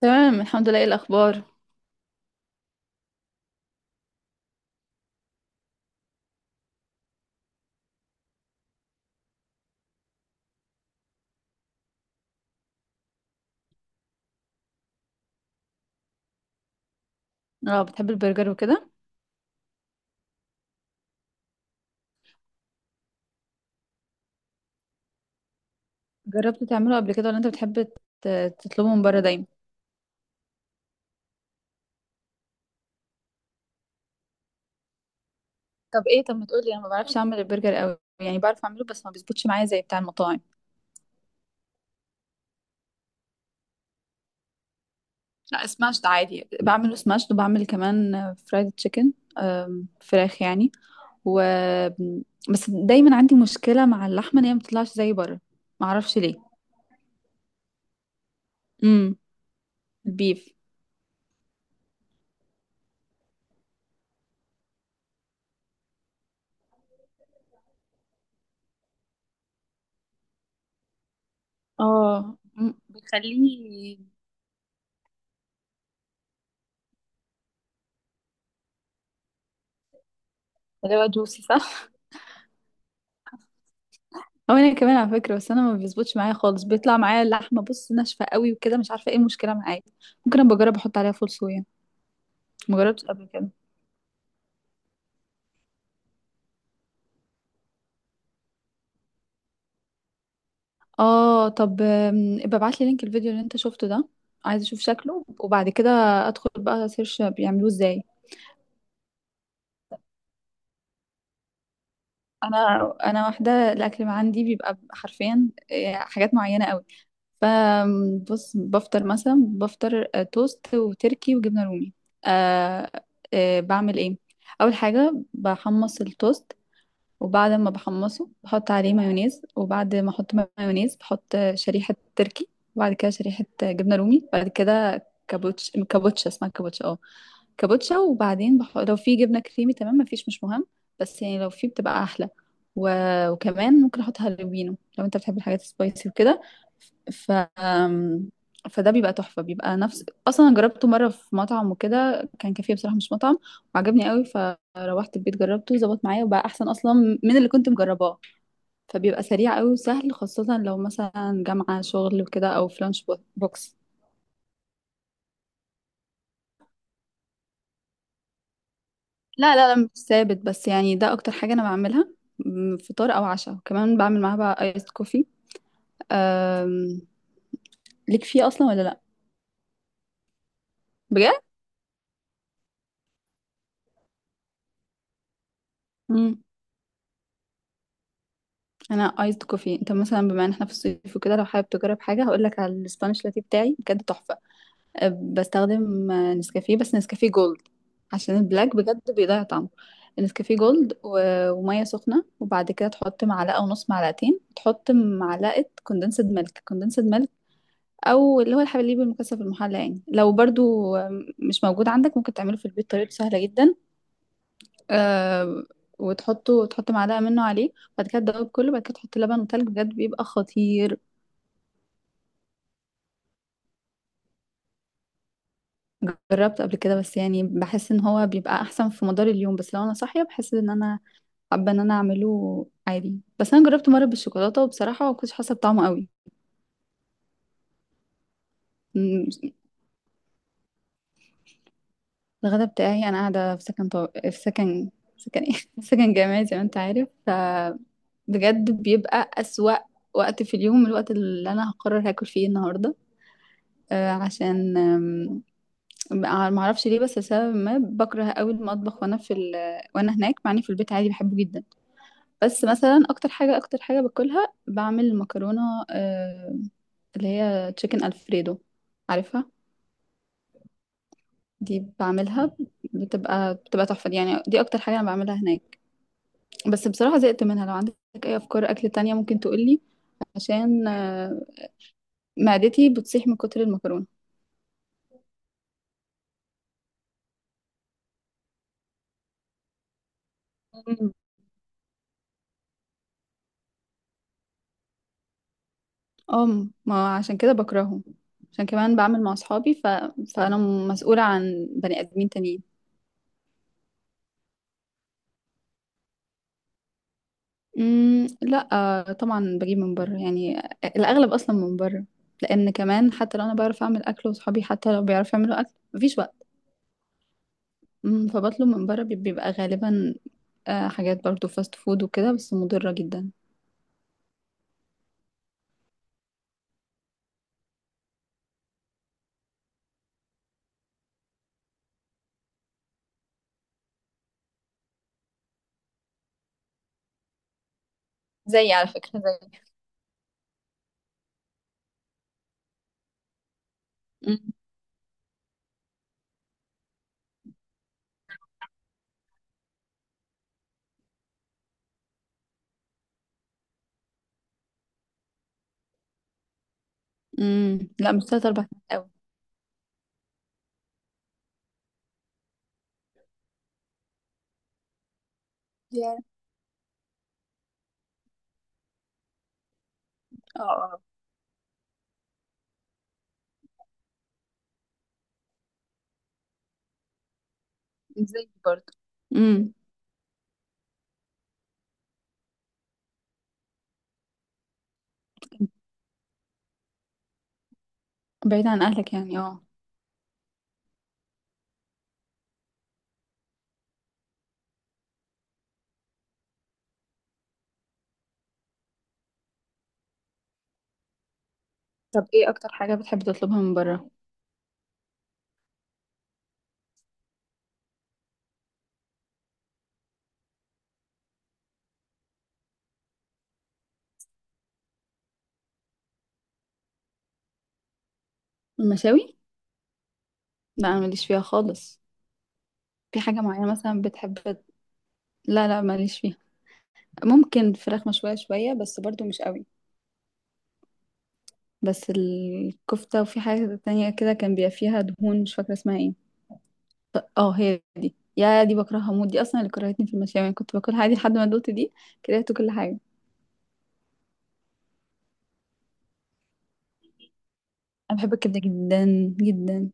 تمام الحمد لله، ايه الاخبار؟ اه، بتحب البرجر وكده؟ جربت تعمله قبل كده ولا انت بتحب تطلبه من بره دايما؟ طب ايه، طب ما تقولي، انا ما بعرفش اعمل البرجر قوي، يعني بعرف اعمله بس ما بيظبطش معايا زي بتاع المطاعم. لا، سماشت عادي، بعمله سماشت وبعمل كمان فرايد تشيكن فراخ يعني. و بس دايما عندي مشكله مع اللحمه ان هي ما بتطلعش زي بره. ما اعرفش ليه. امم. البيف. اه، بيخليه اللي هو جوسي صح؟ هو انا كمان على فكره، بس انا ما بيظبطش معايا خالص، بيطلع معايا اللحمه بص ناشفه قوي وكده، مش عارفه ايه المشكله معايا. ممكن ابقى اجرب احط عليها فول صويا. ما جربتش قبل كده. اه طب، ابقى ابعت لي لينك الفيديو اللي انت شفته ده. عايزه اشوف شكله، وبعد كده ادخل بقى سيرش بيعملوه ازاي. انا انا واحده، الاكل ما عندي بيبقى حرفيا حاجات معينه قوي. فبص، بفطر مثلا، بفطر توست وتركي وجبنه رومي. أه. أه، بعمل ايه. اول حاجه بحمص التوست، وبعد ما بحمصه بحط عليه مايونيز، وبعد ما احط مايونيز بحط شريحة تركي، وبعد كده شريحة جبنة رومي، بعد كده كابوتشا، اسمها كابوتشا، اه. كابوتشا، وبعدين لو في جبنة كريمي تمام، مفيش مش مهم، بس يعني لو في بتبقى أحلى. و... وكمان ممكن أحط هالوبينو لو أنت بتحب الحاجات السبايسي وكده. ف أم، فده بيبقى تحفة، بيبقى نفس، أصلا أنا جربته مرة في مطعم وكده، كان كافيه بصراحة مش مطعم، وعجبني قوي. روحت البيت جربته ظبط معايا وبقى احسن اصلا من اللي كنت مجرباه. فبيبقى سريع قوي وسهل، خاصة لو مثلا جامعة شغل وكده او في لانش بوكس. لا، لا، لا، مش ثابت، بس يعني ده اكتر حاجة انا بعملها. فطار او عشاء كمان بعمل معاها بقى ايس كوفي. أم... ليك فيه اصلا ولا لا؟ بجد؟ امم. انا ايس كوفي، انت مثلا بما ان احنا في الصيف وكده، لو حابب تجرب حاجة هقول لك على الاسبانيش لاتيه بتاعي بجد تحفة. بستخدم نسكافيه، بس نسكافيه جولد، عشان البلاك بجد بيضيع طعمه. نسكافيه جولد وميه سخنه، وبعد كده تحط معلقه ونص، معلقتين تحط معلقه كوندنسد ميلك كوندنسد ميلك، او اللي هو الحليب المكثف المحلى، يعني لو برضو مش موجود عندك ممكن تعمله في البيت، طريقته سهله جدا. آه وتحطه، تحط معلقه منه عليه، بعد كده تدوب كله، بعد كده تحط لبن وتلج، بجد بيبقى خطير. جربت قبل كده، بس يعني بحس ان هو بيبقى احسن في مدار اليوم، بس لو انا صاحيه بحس ان انا حابة ان انا اعمله عادي، بس انا جربت مرة بالشوكولاتة وبصراحة ما كنتش حاسة بطعمه قوي. م- الغدا بتاعي، انا قاعدة في سكن في سكن، سكن ايه سكن جامعي، زي ما انت عارف. فبجد بيبقى أسوأ وقت في اليوم، الوقت اللي انا هقرر هاكل فيه النهاردة. عشان ما اعرفش ليه، بس لسبب ما بكره قوي المطبخ وانا في وانا هناك، مع اني في البيت عادي بحبه جدا. بس مثلا اكتر حاجه باكلها بعمل مكرونه، آه، اللي هي تشيكن الفريدو، عارفها؟ دي بعملها، بتبقى تحفة دي، يعني دي اكتر حاجة انا بعملها هناك. بس بصراحة زهقت منها، لو عندك اي افكار اكل تانية ممكن تقولي، عشان معدتي بتصيح من كتر المكرونة. مم. اه، ما عشان كده بكرههم، عشان كمان بعمل مع اصحابي. فانا مسؤولة عن بني ادمين تانيين. امم، لا. طبعا بجيب من بره يعني، الاغلب اصلا من بره، لان كمان حتى لو انا بعرف اعمل اكل واصحابي حتى لو بيعرفوا يعملوا اكل مفيش وقت. فبطلب من بره، بيبقى غالبا حاجات برضو فاست فود وكده، بس مضرة جدا. زي على فكرة زي. مم. مم. لا، مش تلات أربع ساعات أوي. yeah. اه. اه. زي برضو. مم. بعيد عن أهلك يعني، اه. طب ايه أكتر حاجة بتحب تطلبها من بره؟ المشاوي؟ لا، أنا ماليش فيها خالص. في حاجة معينة مثلا بتحب لا، لا، ماليش فيها. ممكن فراخ مشوية شوية، بس برضو مش قوي. بس الكفتة، وفي حاجة تانية كده كان بيبقى فيها دهون مش فاكرة اسمها ايه. اه، هي دي، يا دي بكرهها موت، دي اصلا اللي كرهتني في المشاوي، يعني كنت باكلها عادي لحد ما دوت دي كرهت كل حاجه. انا بحب الكبده جدا. جدا.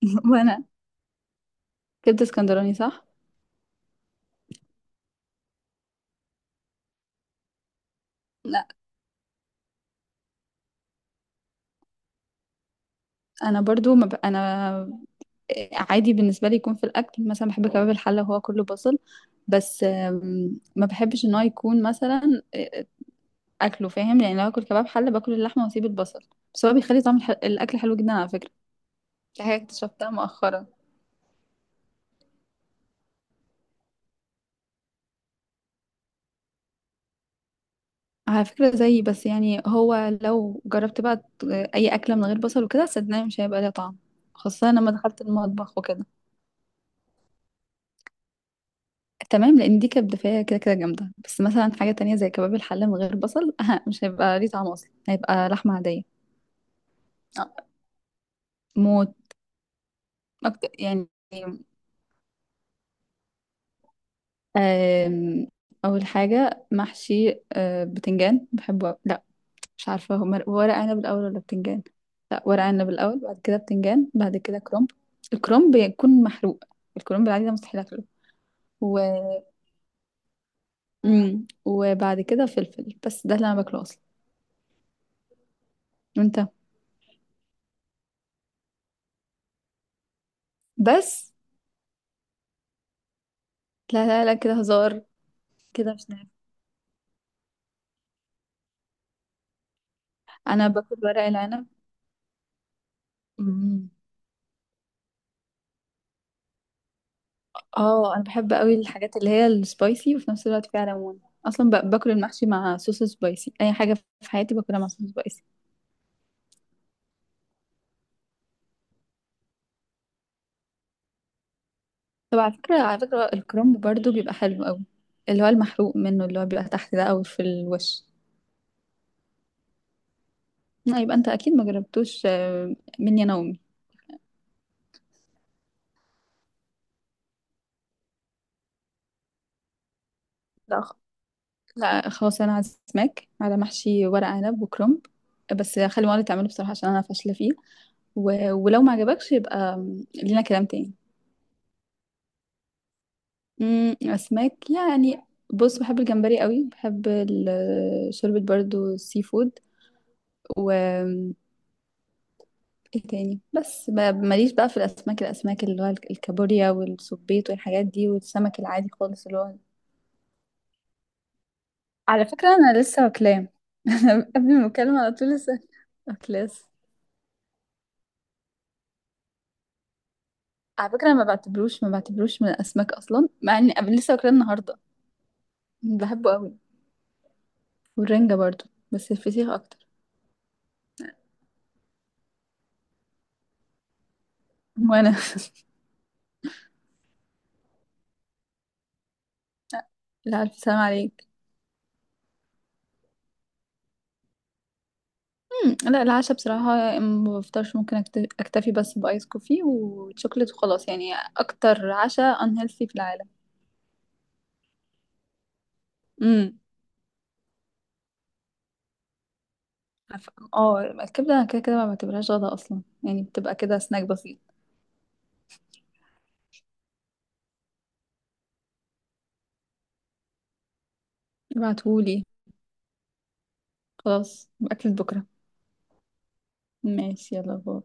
وانا، كبده اسكندراني صح؟ لا، انا برضو ما انا عادي بالنسبه لي يكون في الاكل، مثلا بحب كباب الحله وهو كله بصل، بس ما بحبش ان هو يكون مثلا اكله، فاهم؟ يعني لو اكل كباب حله باكل اللحمه واسيب البصل. بس هو بيخلي طعم الاكل حلو جدا على فكره. دي حاجه اكتشفتها مؤخرا. على فكرة زيي، بس يعني هو لو جربت بقى أي أكلة من غير بصل وكده صدقني مش هيبقى ليها طعم، خاصة لما دخلت المطبخ وكده. تمام، لأن دي كانت دفاية كده كده جامدة، بس مثلا حاجة تانية زي كباب الحلة من غير بصل، أه مش هيبقى ليه طعم أصلا، هيبقى لحمة عادية. آه، موت. أكتر يعني، آم، أول حاجة محشي بتنجان، بحبه، لا مش عارفة هما ورق عنب الأول ولا بتنجان. لا، ورق عنب الأول، بعد كده بتنجان، بعد كده كرنب. الكرنب بيكون محروق. الكرنب العادي ده مستحيل أكله. و... مم. وبعد كده فلفل، بس ده اللي أنا باكله أصلا. وأنت؟ بس. لا، لا، لا، كده هزار. كده مش نافع. أنا باكل ورق العنب. مم. اه، أنا بحب قوي الحاجات اللي هي السبايسي وفي نفس الوقت فيها ليمون، أصلا باكل المحشي مع صوص سبايسي، أي حاجة في حياتي باكلها مع صوص سبايسي. طب على فكرة الكرنب برضو بيبقى حلو قوي، اللي هو المحروق منه، اللي هو بيبقى تحت ده أو في الوش. لا، يبقى أنت أكيد ما جربتوش مني أنا وأمي. لا خ- لا خلاص، أنا عازماك على محشي ورق عنب وكرنب، بس خلي مامتي تعمله بصراحة عشان أنا فاشلة فيه. ولو ما عجبكش يبقى لينا كلام تاني. أسماك يعني؟ بص، بحب الجمبري قوي، بحب شوربة برضو السي فود. ايه تاني، بس ماليش بقى في الاسماك اللي هو الكابوريا والسبيط والحاجات دي، والسمك العادي خالص اللي هو على فكره انا لسه واكلاه. انا قبل ما المكالمه على طول لسه واكلاس. على فكره أنا ما بعتبروش من الاسماك اصلا، مع اني قبل لسه واكلاه النهارده. بحبه قوي، والرنجه برضو، بس الفسيخ اكتر. وانا. لا، الف سلام عليك. لا العشاء بصراحه ما بفطرش، ممكن اكتفي بس بايس كوفي وشوكليت وخلاص، يعني اكتر عشاء unhealthy في العالم. اه، الكبدة انا كده كده ما بعتبرهاش غدا اصلا، يعني بتبقى كده سناك بسيط. ابعتهولي. خلاص، اكلة بكرة. ماشي، يلا باي.